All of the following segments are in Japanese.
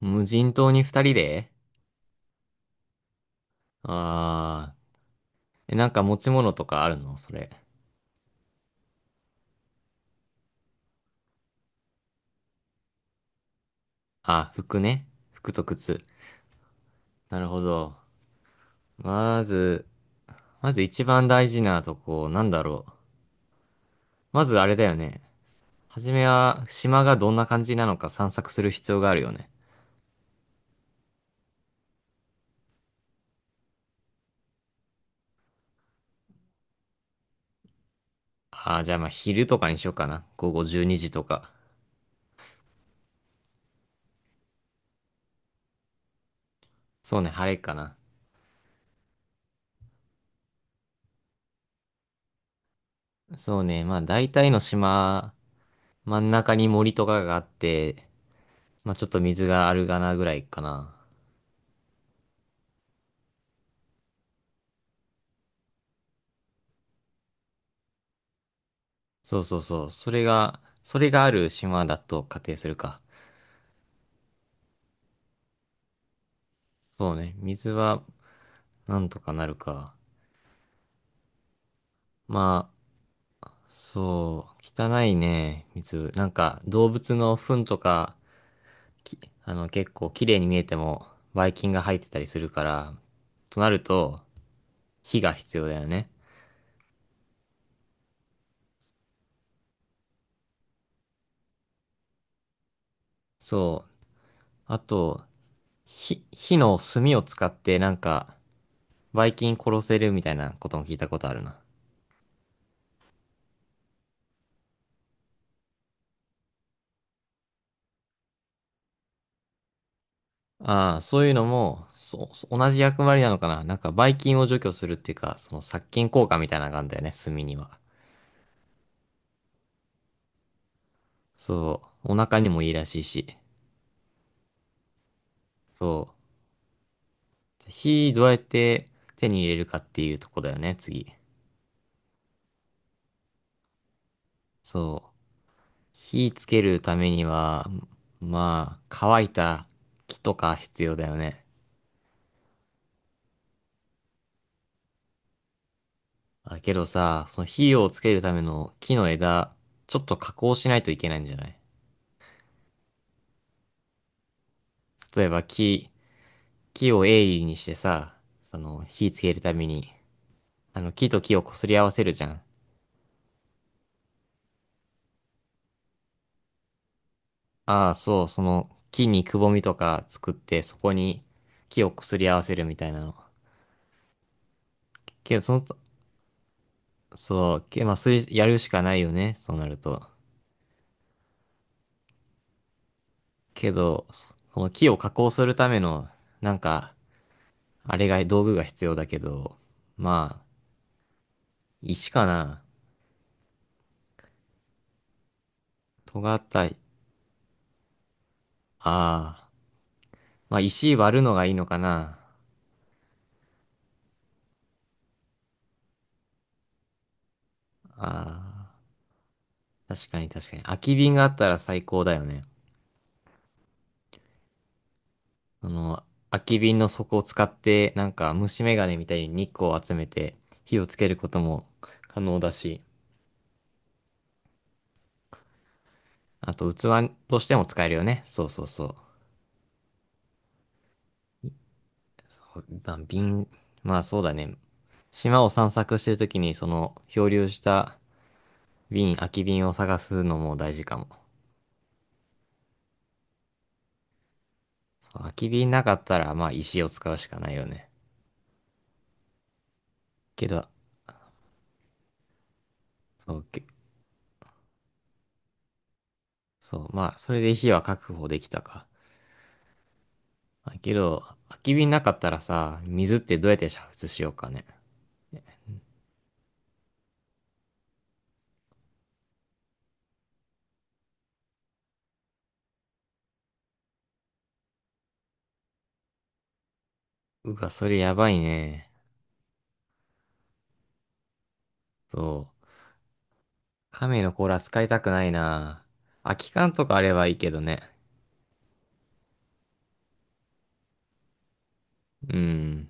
無人島に二人であえ、なんか持ち物とかあるのそれ？あ、服ね。服と靴。なるほど。まず、まず一番大事なとこ、なんだろう。まずあれだよね。はじめは、島がどんな感じなのか散策する必要があるよね。ああ、じゃあまあ昼とかにしようかな。午後12時とか。そうね、晴れかな。そうね、まあ大体の島、真ん中に森とかがあって、まあちょっと水があるかなぐらいかな。そうそうそう。それがある島だと仮定するか。そうね。水はなんとかなるか。まあ、そう。汚いね、水。なんか、動物の糞とか、き、あの、結構綺麗に見えても、ばい菌が入ってたりするから、となると、火が必要だよね。そう。あと、火の炭を使って、なんか、ばい菌殺せるみたいなことも聞いたことあるな。ああ、そういうのも、そう、同じ役割なのかな。なんか、ばい菌を除去するっていうか、その殺菌効果みたいなのがあるんだよね、炭には。そう、お腹にもいいらしいし。そう。火どうやって手に入れるかっていうとこだよね、次。そう。火つけるためには、まあ、乾いた木とか必要だよね。だけどさ、その火をつけるための木の枝、ちょっと加工しないといけないんじゃない？例えば木を鋭利にしてさ、その火つけるために、あの木と木を擦り合わせるじゃん。ああ、そう、その木にくぼみとか作ってそこに木を擦り合わせるみたいなの。けど、その、そう、まあ、それやるしかないよね、そうなると。けど、その木を加工するための、なんか、あれが、道具が必要だけど、まあ、石かな。尖った、ああ、まあ石割るのがいいのかな。ああ。確かに確かに。空き瓶があったら最高だよね。その、空き瓶の底を使って、なんか虫眼鏡みたいに日光を集めて火をつけることも可能だし、あと器としても使えるよね。そうそうそう。そうまあ、まあそうだね。島を散策してるときにその漂流した瓶、空き瓶を探すのも大事かも。そう空き瓶なかったらまあ石を使うしかないよね。けど、そう、けそう、まあそれで火は確保できたか。まあけど、空き瓶なかったらさ、水ってどうやって煮沸しようかね。うわ、それやばいね。そう。亀の甲羅使いたくないな。空き缶とかあればいいけどね。うん。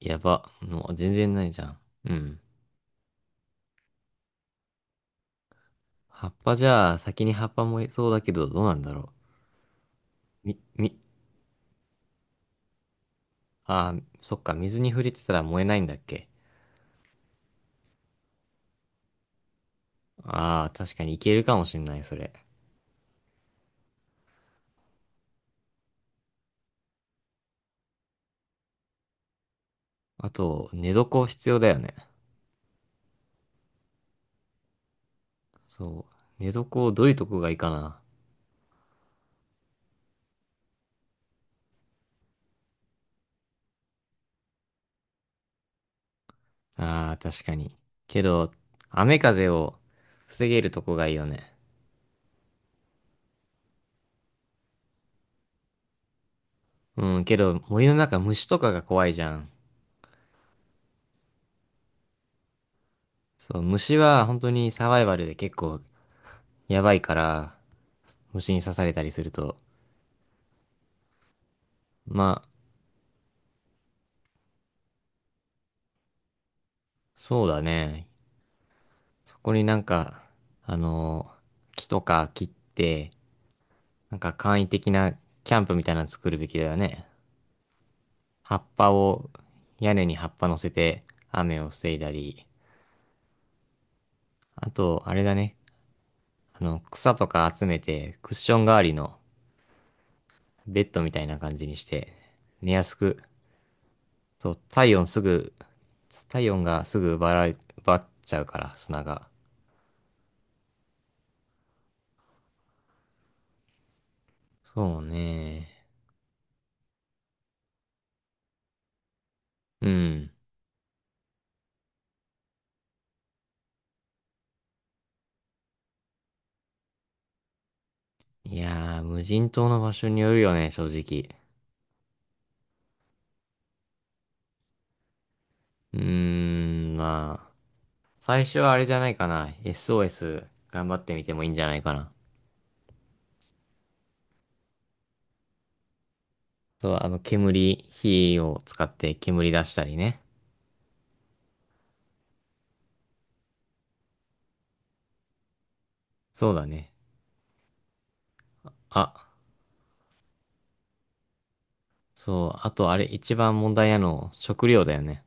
やば。もう全然ないじゃん。うん。葉っぱじゃあ、先に葉っぱ燃えそうだけど、どうなんだろう。み、み、あー、そっか、水に触れてたら燃えないんだっけ。ああ、確かにいけるかもしんない、それ。あと、寝床必要だよね。そう。寝床どういうとこがいいかな。ああ、確かに。けど、雨風を防げるとこがいいよね。うん、けど森の中虫とかが怖いじゃん。そう、虫は本当にサバイバルで結構やばいから、虫に刺されたりすると。まあ、そうだね。そこになんか、あの木とか切って、なんか簡易的なキャンプみたいなの作るべきだよね。葉っぱを、屋根に葉っぱ乗せて雨を防いだり。あと、あれだね。あの、草とか集めて、クッション代わりのベッドみたいな感じにして、寝やすく、そう、体温がすぐ奪われ、奪っちゃうから、砂が。そうね。うん。いやー、無人島の場所によるよね、正直。うーん、まあ、最初はあれじゃないかな。SOS 頑張ってみてもいいんじゃないかな。そう、あの、煙、火を使って煙出したりね。そうだね。あ、そう、あとあれ一番問題なの、食料だよね。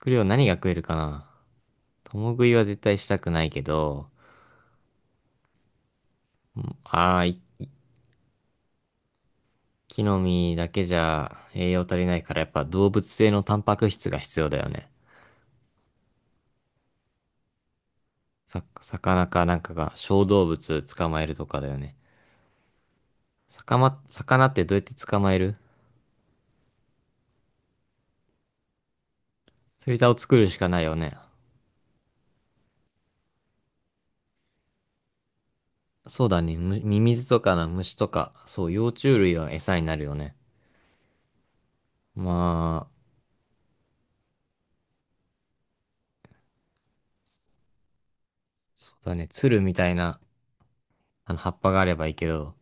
食料何が食えるかな。共食いは絶対したくないけど、ああ、一気飲みだけじゃ栄養足りないからやっぱ動物性のタンパク質が必要だよね。魚かなんかが小動物捕まえるとかだよね。魚ってどうやって捕まえる？釣り竿を作るしかないよね。そうだね。ミミズとかの虫とか、そう、幼虫類は餌になるよね。まあ、そうだね。鶴みたいなあの、葉っぱがあればいいけど、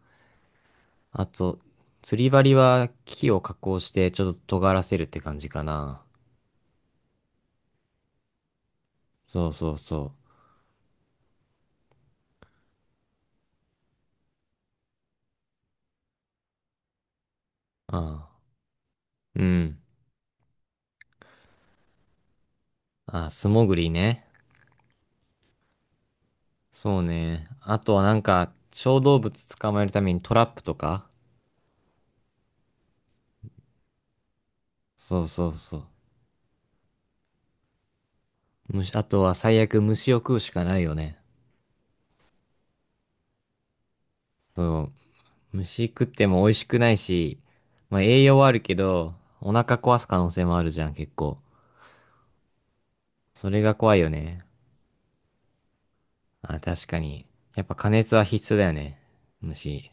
あと、釣り針は木を加工してちょっと尖らせるって感じかな。そうそうそう。ああ、うん。ああ、素潜りね。そうね。あとはなんか、小動物捕まえるためにトラップとか。そうそうそう。あとは最悪虫を食うしかないよね。そう。虫食っても美味しくないし、まあ栄養はあるけど、お腹壊す可能性もあるじゃん、結構。それが怖いよね。あ、確かに。やっぱ加熱は必須だよね。虫。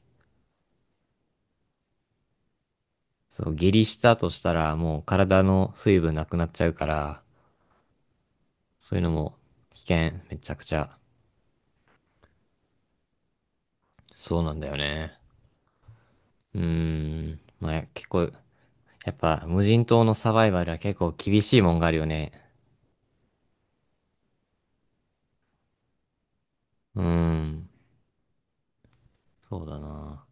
そう、下痢したとしたらもう体の水分なくなっちゃうから、そういうのも危険、めちゃくちゃ。そうなんだよね。うーん。まあ、結構、やっぱ無人島のサバイバルは結構厳しいもんがあるよね。うーん。そうだな。